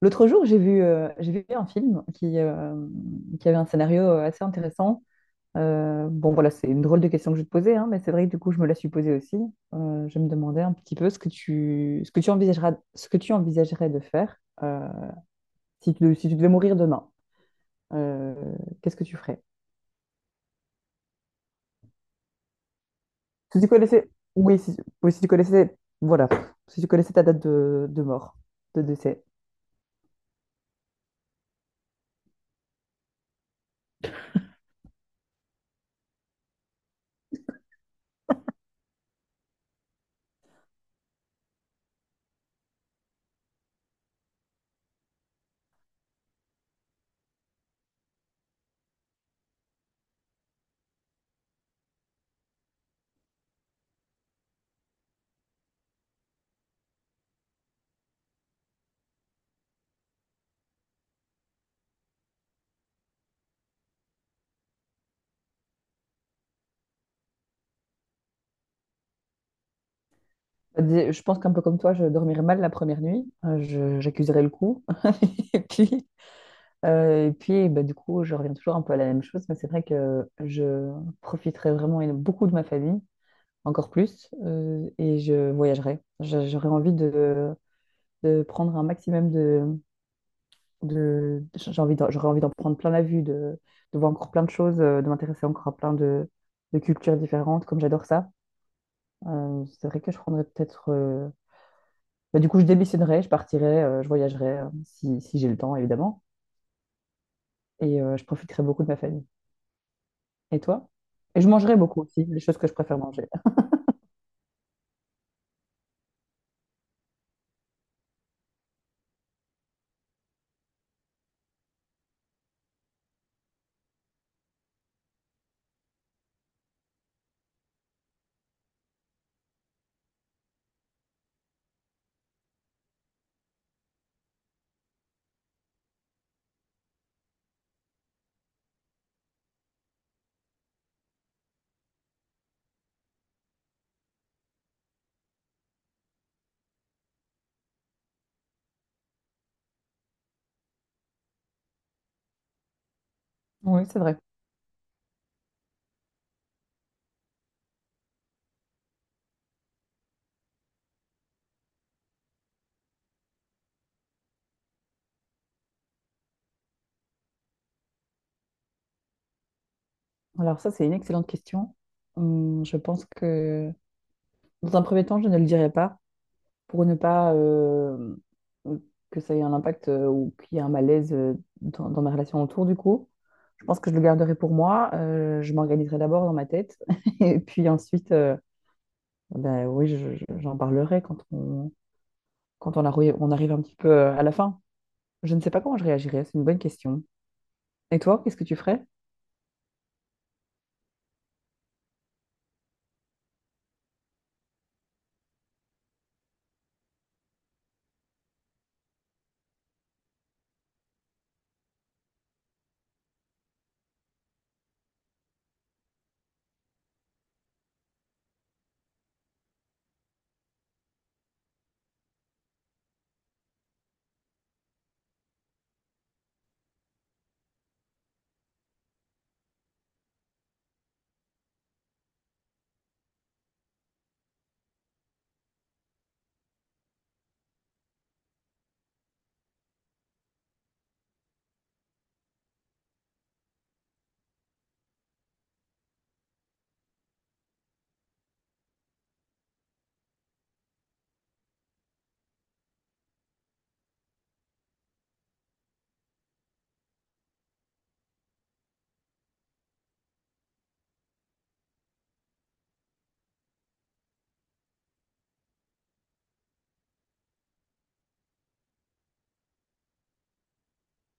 L'autre jour, j'ai vu un film qui avait un scénario assez intéressant. Voilà, c'est une drôle de question que je vais te posais, hein, mais c'est vrai que du coup, je me la suis posée aussi. Je me demandais un petit peu ce que ce que tu envisageras, ce que tu envisagerais de faire euh, si si tu devais mourir demain. Euh, qu'est-ce que tu ferais? Si tu connaissais, oui, si, oui, si tu connaissais, voilà, si tu connaissais ta date de mort, de décès. Je pense qu'un peu comme toi, je dormirais mal la première nuit. J'accuserais le coup. Et puis, et puis, bah, du coup, je reviens toujours un peu à la même chose, mais c'est vrai que je profiterai vraiment beaucoup de ma famille, encore plus, et je voyagerai. J'aurais envie de prendre un maximum de... j'aurais envie d'en prendre plein la vue, de voir encore plein de choses, de m'intéresser encore à plein de cultures différentes, comme j'adore ça. C'est vrai que je prendrais peut-être... bah, du coup, je démissionnerai, je partirai, je voyagerai, si, si j'ai le temps, évidemment, et je profiterai beaucoup de ma famille. Et toi? Et je mangerai beaucoup aussi, les choses que je préfère manger. Oui, c'est vrai. Alors ça, c'est une excellente question. Je pense que dans un premier temps, je ne le dirai pas pour ne pas que ça ait un impact ou qu'il y ait un malaise dans, dans mes relations autour du coup. Je pense que je le garderai pour moi. Je m'organiserai d'abord dans ma tête et puis ensuite, ben oui, j'en parlerai quand on, quand on arrive un petit peu à la fin. Je ne sais pas comment je réagirai, c'est une bonne question. Et toi, qu'est-ce que tu ferais?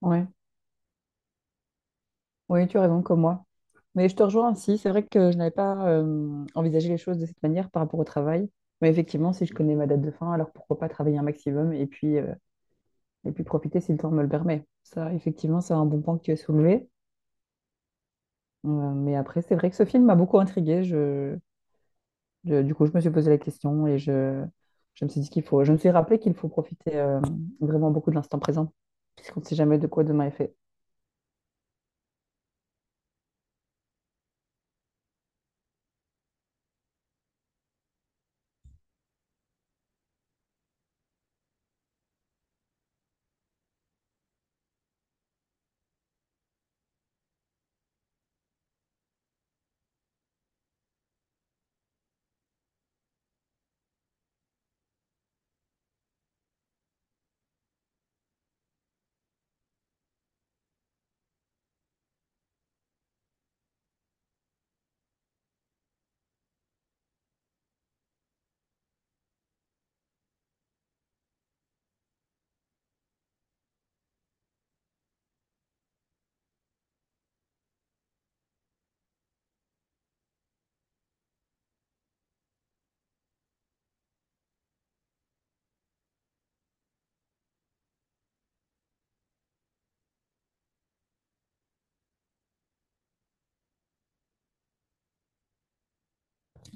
Ouais, oui, tu as raison, comme moi. Mais je te rejoins aussi. C'est vrai que je n'avais pas envisagé les choses de cette manière par rapport au travail. Mais effectivement, si je connais ma date de fin, alors pourquoi pas travailler un maximum et puis profiter si le temps me le permet. Ça, effectivement, c'est un bon point que tu as soulevé. Mais après, c'est vrai que ce film m'a beaucoup intriguée. Du coup, je me suis posé la question et je me suis dit qu'il faut, je me suis rappelé qu'il faut profiter vraiment beaucoup de l'instant présent, puisqu'on ne sait jamais de quoi demain est fait.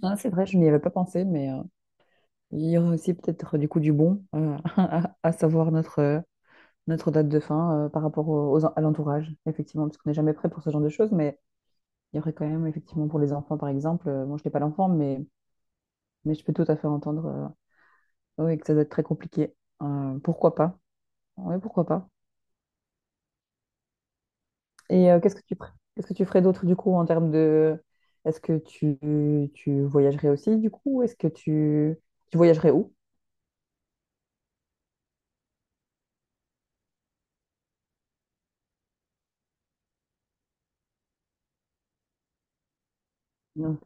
Ah, c'est vrai, je n'y avais pas pensé, mais il y aurait aussi peut-être du coup du bon à savoir notre, notre date de fin par rapport à l'entourage, effectivement, parce qu'on n'est jamais prêt pour ce genre de choses, mais il y aurait quand même, effectivement, pour les enfants, par exemple, moi, je n'ai pas d'enfant, mais je peux tout à fait entendre oui, que ça doit être très compliqué. Pourquoi pas? Oui, pourquoi pas? Et qu'est-ce que tu ferais d'autre du coup en termes de est-ce que tu voyagerais aussi du coup? Est-ce que tu tu voyagerais où? Non,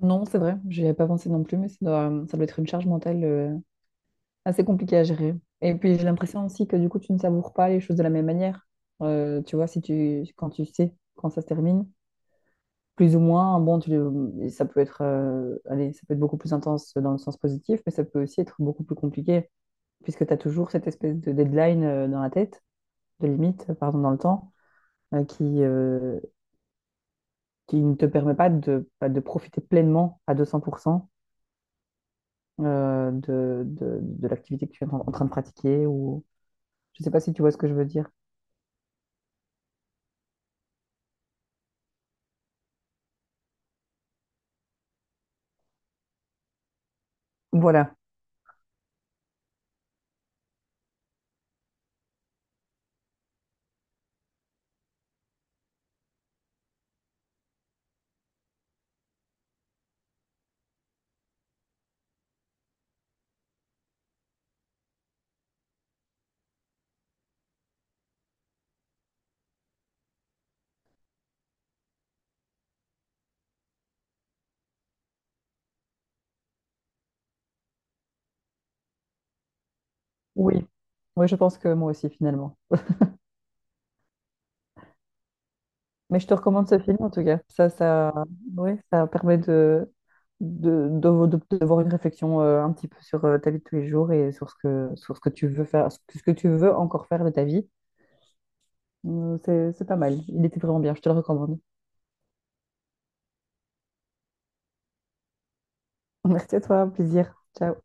non, c'est vrai, j'y avais pas pensé non plus, mais ça doit être une charge mentale assez compliquée à gérer. Et puis j'ai l'impression aussi que du coup tu ne savoures pas les choses de la même manière. Tu vois, si tu quand tu sais quand ça se termine, plus ou moins, bon, tu, et ça peut être allez, ça peut être beaucoup plus intense dans le sens positif, mais ça peut aussi être beaucoup plus compliqué, puisque tu as toujours cette espèce de deadline dans la tête. De limite, pardon, dans le temps, euh, qui, euh, qui ne te permet pas de, de profiter pleinement à 200% de l'activité que tu es en, en train de pratiquer. Ou... Je ne sais pas si tu vois ce que je veux dire. Voilà. Oui. Oui, je pense que moi aussi, finalement. Mais je te recommande ce film, en tout cas. Ça, ouais, ça permet d'avoir une réflexion un petit peu sur ta vie de tous les jours et sur ce que tu veux faire, ce que tu veux encore faire de ta vie. C'est pas mal. Il était vraiment bien, je te le recommande. Merci à toi, un plaisir. Ciao.